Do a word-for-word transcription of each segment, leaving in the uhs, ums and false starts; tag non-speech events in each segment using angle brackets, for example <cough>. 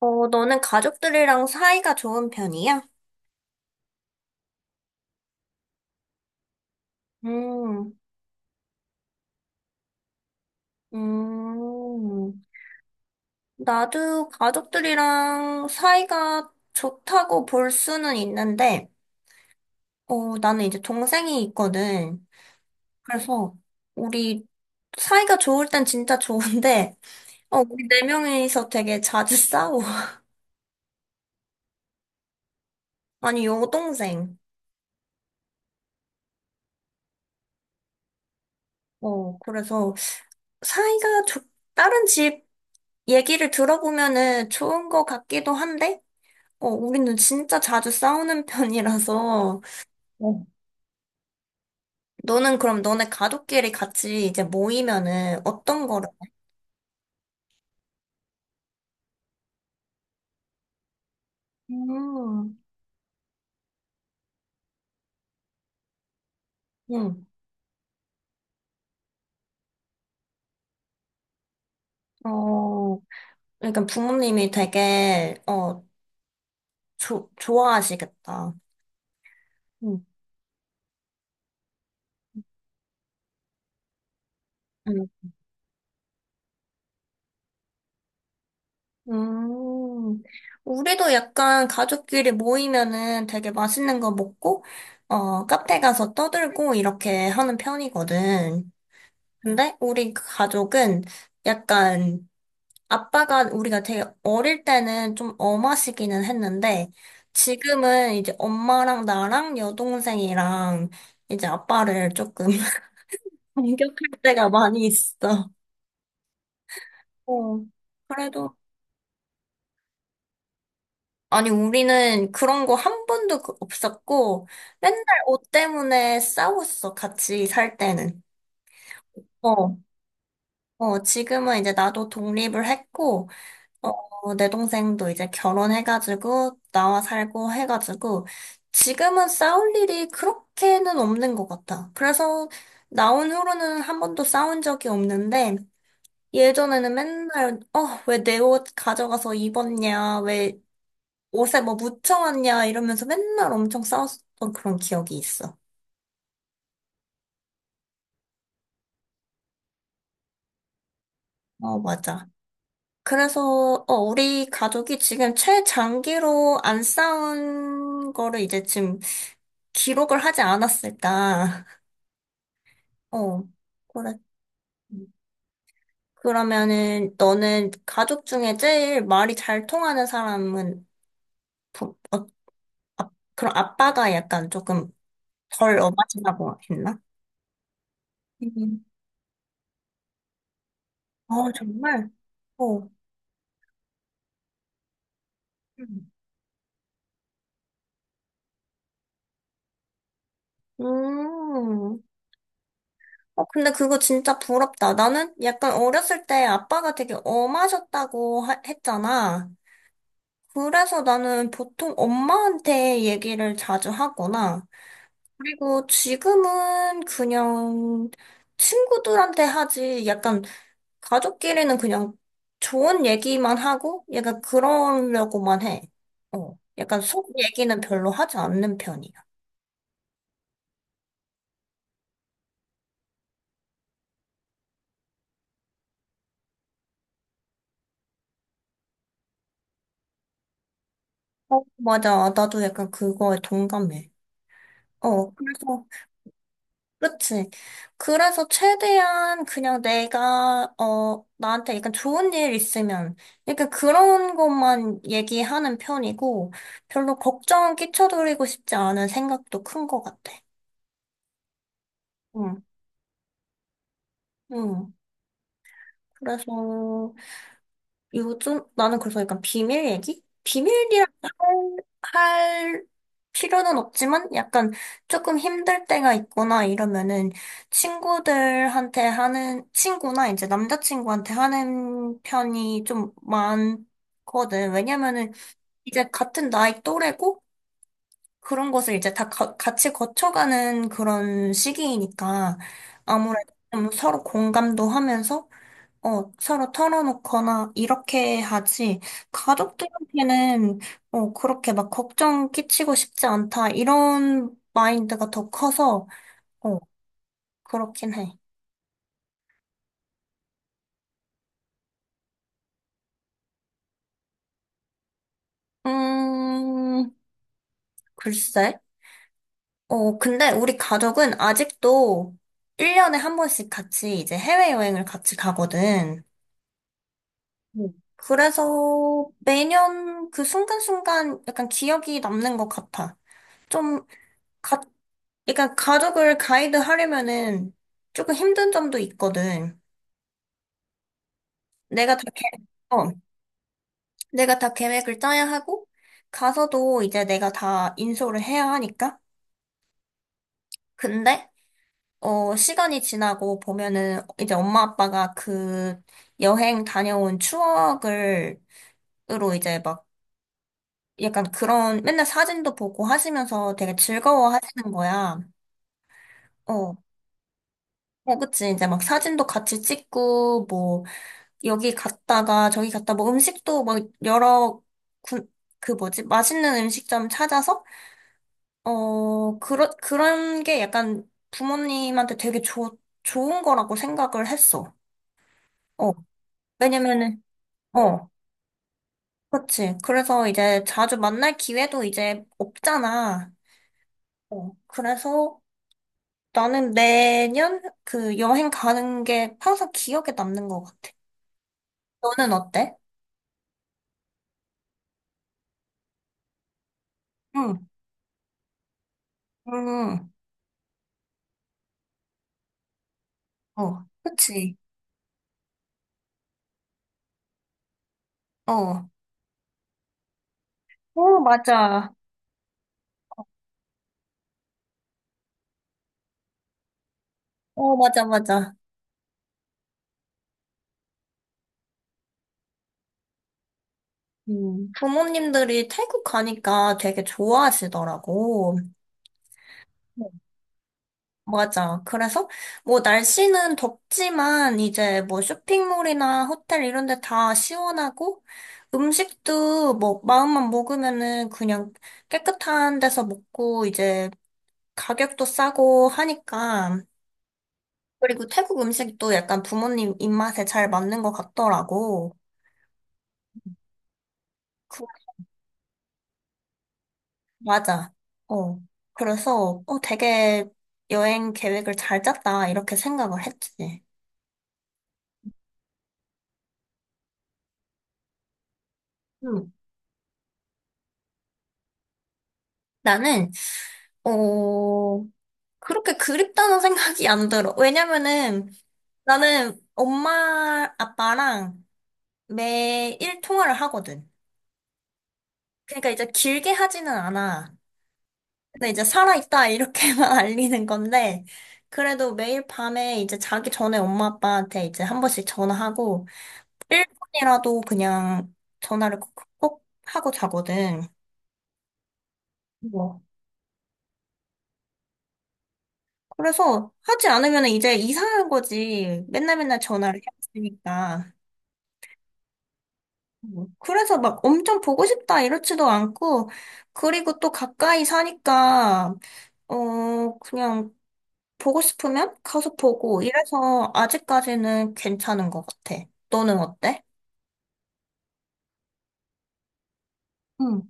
어, 너는 가족들이랑 사이가 좋은 편이야? 음, 음, 나도 가족들이랑 사이가 좋다고 볼 수는 있는데, 어, 나는 이제 동생이 있거든. 그래서 우리 사이가 좋을 땐 진짜 좋은데, <laughs> 어, 우리 네 명이서 되게 자주 싸워. <laughs> 아니, 여동생. 어, 그래서 사이가 좋, 다른 집 얘기를 들어보면은 좋은 것 같기도 한데, 어, 우리는 진짜 자주 싸우는 편이라서, 어. 너는 그럼 너네 가족끼리 같이 이제 모이면은 어떤 거를, 음, 응, 어, 그러니까 부모님이 되게, 어, 조, 좋아하시겠다. 응, 응. 음, 우리도 약간 가족끼리 모이면은 되게 맛있는 거 먹고, 어, 카페 가서 떠들고 이렇게 하는 편이거든. 근데 우리 가족은 약간 아빠가 우리가 되게 어릴 때는 좀 엄하시기는 했는데, 지금은 이제 엄마랑 나랑 여동생이랑 이제 아빠를 조금 <laughs> 공격할 때가 많이 있어. 어. 그래도, 아니, 우리는 그런 거 한 번도 그- 없었고, 맨날 옷 때문에 싸웠어, 같이 살 때는. 어, 어, 지금은 이제 나도 독립을 했고, 어, 어, 내 동생도 이제 결혼해가지고, 나와 살고 해가지고, 지금은 싸울 일이 그렇게는 없는 것 같아. 그래서, 나온 후로는 한 번도 싸운 적이 없는데, 예전에는 맨날, 어, 왜 내 옷 가져가서 입었냐, 왜 옷에 뭐 묻혀왔냐, 이러면서 맨날 엄청 싸웠던 그런 기억이 있어. 어, 맞아. 그래서, 어, 우리 가족이 지금 최장기로 안 싸운 거를 이제 지금 기록을 하지 않았을까. <laughs> 어, 그래. 그러면은 너는 가족 중에 제일 말이 잘 통하는 사람은 부, 어, 그럼 아빠가 약간 조금 덜 어마지라고 했나? 음. 어, 정말? 어. 음. 음. 어, 근데 그거 진짜 부럽다. 나는 약간 어렸을 때 아빠가 되게 엄하셨다고 하- 했잖아. 그래서 나는 보통 엄마한테 얘기를 자주 하거나, 그리고 지금은 그냥 친구들한테 하지, 약간 가족끼리는 그냥 좋은 얘기만 하고, 약간 그러려고만 해. 어, 약간 속 얘기는 별로 하지 않는 편이야. 어, 맞아. 나도 약간 그거에 동감해. 어, 그래서 그치. 그래서 최대한 그냥 내가, 어, 나한테 약간 좋은 일 있으면, 약간 그런 것만 얘기하는 편이고, 별로 걱정 끼쳐드리고 싶지 않은 생각도 큰 것 같아. 응, 응. 그래서, 요즘 나는 그래서 약간 비밀 얘기? 비밀이라 할, 할 필요는 없지만 약간 조금 힘들 때가 있거나 이러면은 친구들한테 하는, 친구나 이제 남자친구한테 하는 편이 좀 많거든. 왜냐면은 이제 같은 나이 또래고 그런 것을 이제 다 가- 같이 거쳐가는 그런 시기이니까 아무래도 좀 서로 공감도 하면서 어, 서로 털어놓거나 이렇게 하지. 가족들한테는 어, 그렇게 막 걱정 끼치고 싶지 않다. 이런 마인드가 더 커서 어, 그렇긴 해. 음, 글쎄. 어, 근데 우리 가족은 아직도 일 년에 한 번씩 같이 이제 해외여행을 같이 가거든. 음. 그래서 매년 그 순간순간 약간 기억이 남는 것 같아. 좀 그러니까 가족을 가이드 하려면은 조금 힘든 점도 있거든. 내가 다 계, 어, 내가 다 계획을 짜야 하고, 가서도 이제 내가 다 인솔을 해야 하니까. 근데, 어, 시간이 지나고 보면은 이제 엄마 아빠가 그 여행 다녀온 추억을, 으로 이제 막 약간 그런 맨날 사진도 보고 하시면서 되게 즐거워 하시는 거야. 어, 어, 그치. 이제 막 사진도 같이 찍고, 뭐, 여기 갔다가 저기 갔다 뭐 음식도 막 여러 군, 그 뭐지? 맛있는 음식점 찾아서 어, 그런 그런 게 약간 부모님한테 되게 좋 좋은 거라고 생각을 했어. 어. 왜냐면은 어. 그렇지. 그래서 이제 자주 만날 기회도 이제 없잖아. 어. 그래서 나는 매년 그 여행 가는 게 항상 기억에 남는 것 같아. 너는 어때? 응. 응. 응. 어. 그치. 어. 어, 맞아. 어, 맞아, 맞아. 음, 부모님들이 태국 가니까 되게 좋아하시더라고. 네. 맞아. 그래서 뭐 날씨는 덥지만 이제 뭐 쇼핑몰이나 호텔 이런 데 다 시원하고 음식도 뭐 마음만 먹으면은 그냥 깨끗한 데서 먹고 이제 가격도 싸고 하니까 그리고 태국 음식도 약간 부모님 입맛에 잘 맞는 것 같더라고. 맞아. 어. 그래서, 어, 되게 여행 계획을 잘 짰다, 이렇게 생각을 했지. 음. 나는, 어, 그렇게 그립다는 생각이 안 들어. 왜냐면은 나는 엄마, 아빠랑 매일 통화를 하거든. 그러니까 이제 길게 하지는 않아. 근데 이제 살아있다, 이렇게만 <laughs> 알리는 건데, 그래도 매일 밤에 이제 자기 전에 엄마, 아빠한테 이제 한 번씩 전화하고, 일 분이라도 그냥 전화를 꼭, 꼭 하고 자거든. 뭐. 그래서 하지 않으면 이제 이상한 거지. 맨날 맨날 전화를 해봤으니까. 뭐. 그래서 막 엄청 보고 싶다 이렇지도 않고, 그리고 또 가까이 사니까, 어, 그냥 보고 싶으면 가서 보고 이래서 아직까지는 괜찮은 것 같아. 너는 어때? 응,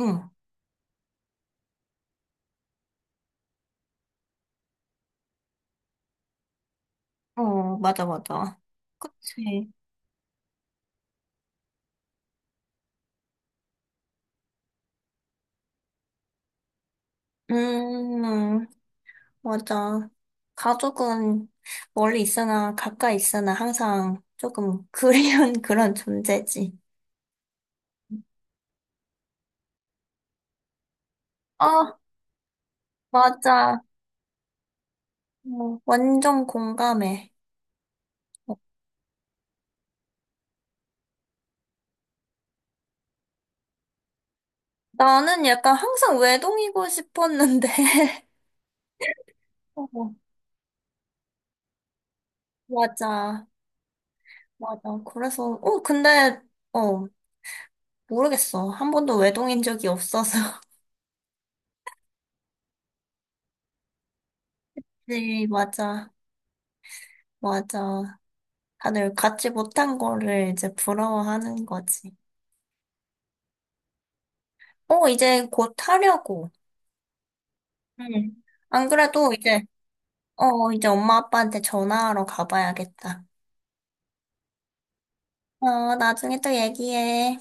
응. 어, 맞아, 맞아. 그치. 음, 맞아. 가족은 멀리 있으나 가까이 있으나 항상 조금 그리운 <laughs> 그런 존재지. 아, 맞아. 어, 완전 공감해. 어, 나는 약간 항상 외동이고 싶었는데. <laughs> 어, 맞아. 맞아. 그래서, 어, 근데, 어, 모르겠어. 한 번도 외동인 적이 없어서. <laughs> 네, 맞아. 맞아. 다들 갖지 못한 거를 이제 부러워하는 거지. 어, 이제 곧 하려고. 응. 안 그래도 이제, 어, 이제 엄마 아빠한테 전화하러 가봐야겠다. 어, 나중에 또 얘기해.